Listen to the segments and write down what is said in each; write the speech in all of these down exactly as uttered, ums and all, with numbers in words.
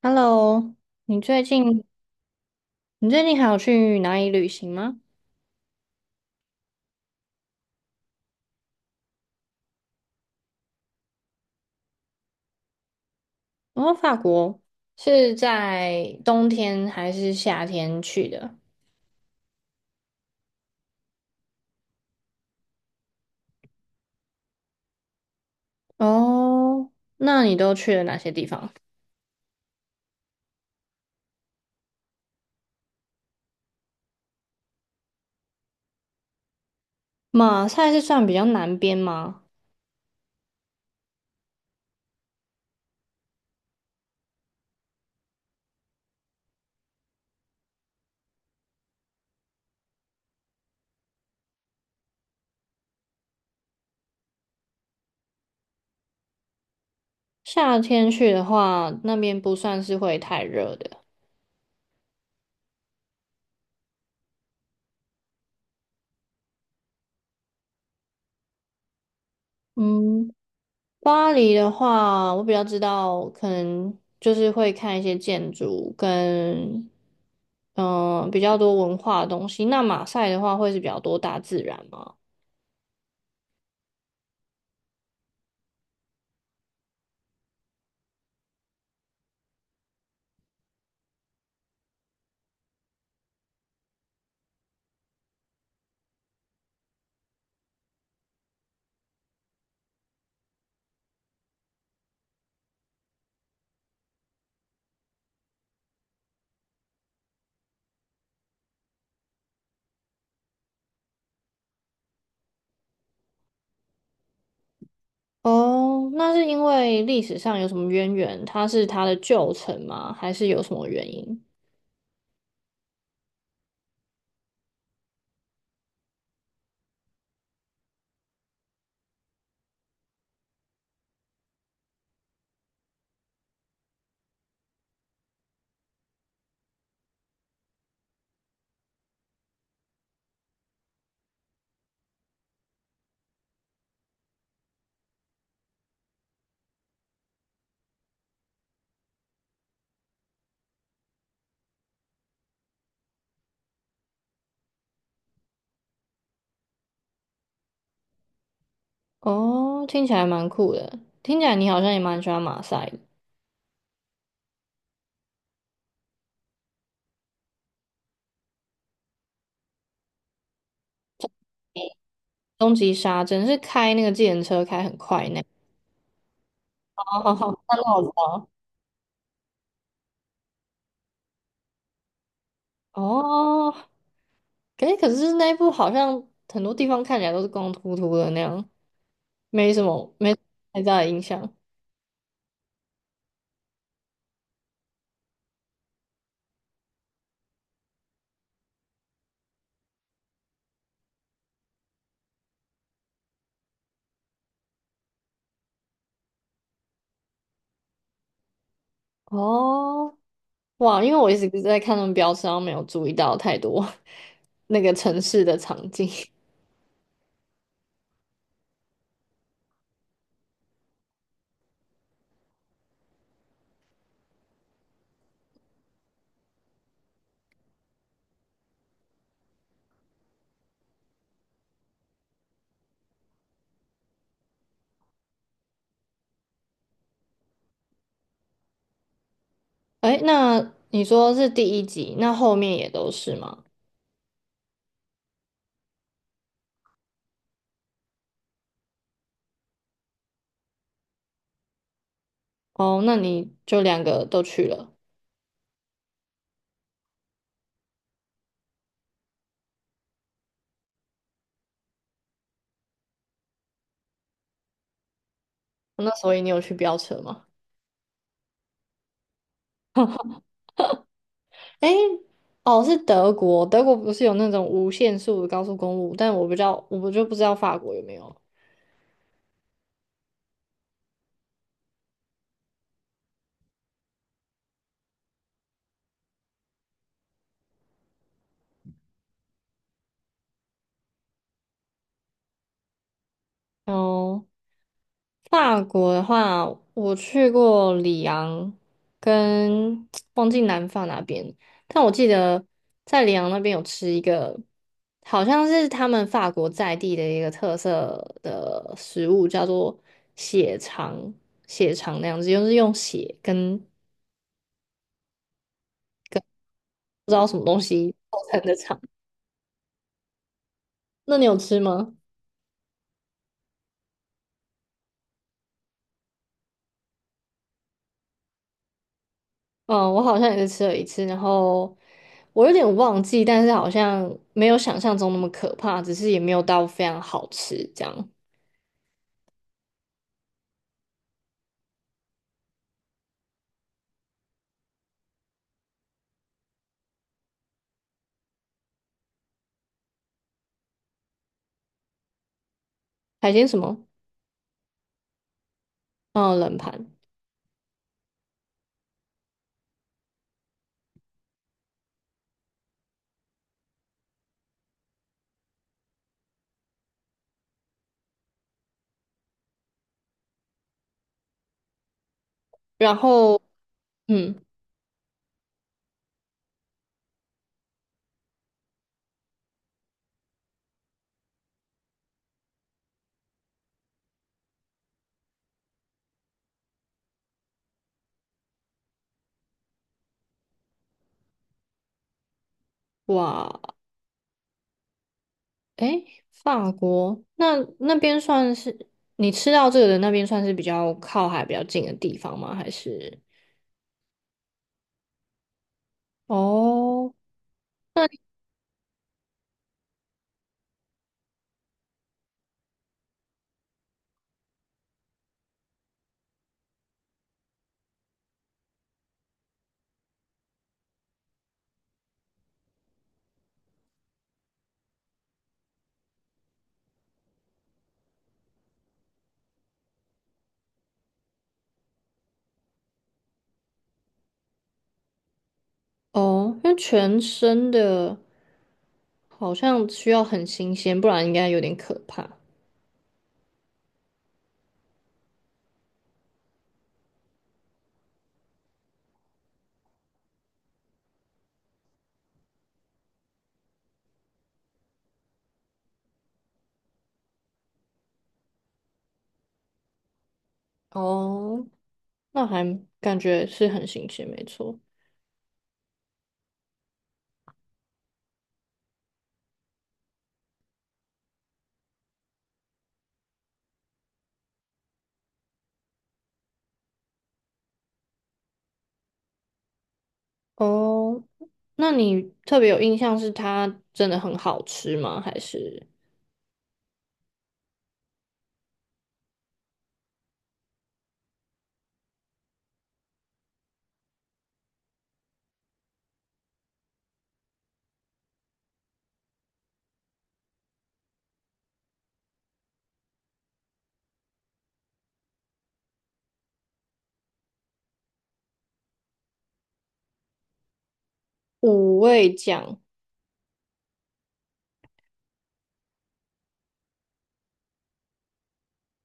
Hello，你最近你最近还有去哪里旅行吗？哦，法国是在冬天还是夏天去的？哦，那你都去了哪些地方？马赛是算比较南边吗？夏天去的话，那边不算是会太热的。嗯，巴黎的话，我比较知道，可能就是会看一些建筑跟嗯、比较多文化的东西。那马赛的话会是比较多大自然吗？哦，那是因为历史上有什么渊源？它是它的旧城吗？还是有什么原因？哦，听起来蛮酷的。听起来你好像也蛮喜欢马赛的。终极杀阵是开那个自程车开很快那。哦，那那我知道。哦，可是可是那一部好像很多地方看起来都是光秃秃的那样，没什么没太大的印象。哦，哇，因为我一直在看他们标识，然后没有注意到太多 那个城市的场景。哎，那你说是第一集，那后面也都是吗？哦，那你就两个都去了，那所以你有去飙车吗？哎，哦，是德国，德国不是有那种无限速的高速公路，但我不知道，我就不知道法国有没有。哦。法国的话，我去过里昂跟 忘记南法那边，但我记得在里昂那边有吃一个，好像是他们法国在地的一个特色的食物，叫做血肠，血肠那样子，就是用血跟构成的肠。那你有吃吗？嗯，我好像也是吃了一次，然后我有点忘记，但是好像没有想象中那么可怕，只是也没有到非常好吃这样。海鲜什么？嗯，冷盘。然后，嗯，哇，诶，法国那那边算是你吃到这个的那边算是比较靠海比较近的地方吗？还是？哦哦，因为全生的好像需要很新鲜，不然应该有点可怕。哦，那还感觉是很新鲜，没错。哦，那你特别有印象是它真的很好吃吗？还是五味酱？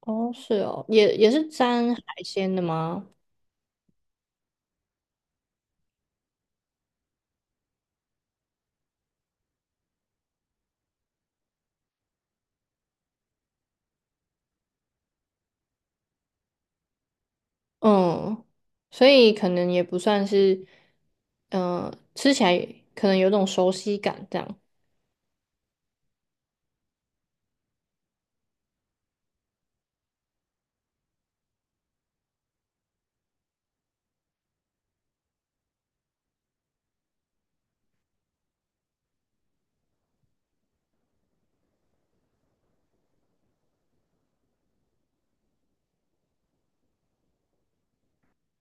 哦，是哦，也也是沾海鲜的吗？嗯，所以可能也不算是，嗯、吃起来可能有种熟悉感这样。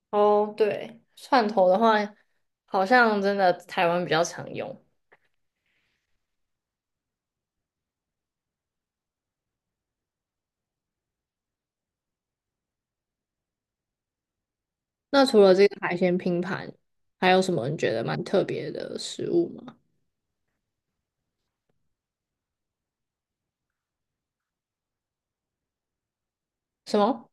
哦，对，蒜头的话，好像真的台湾比较常用。那除了这个海鲜拼盘，还有什么你觉得蛮特别的食物吗？什么？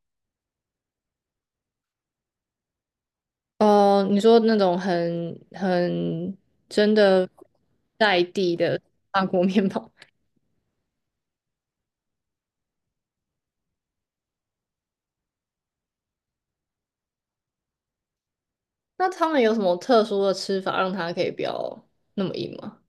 呃，你说那种很很真的在地的 法国面包？那他们有什么特殊的吃法让它可以不要那么硬吗？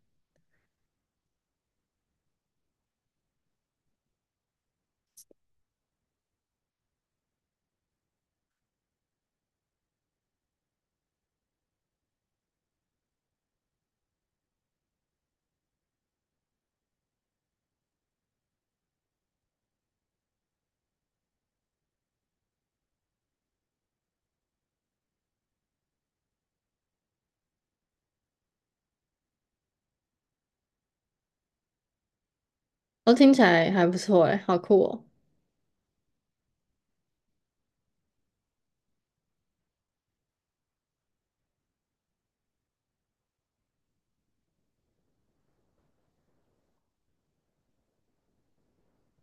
哦，听起来还不错诶，好酷哦。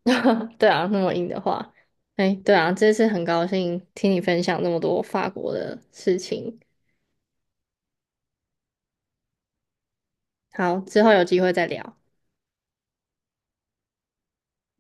对啊，那么硬的话，哎，对啊，这次很高兴听你分享那么多法国的事情。好，之后有机会再聊。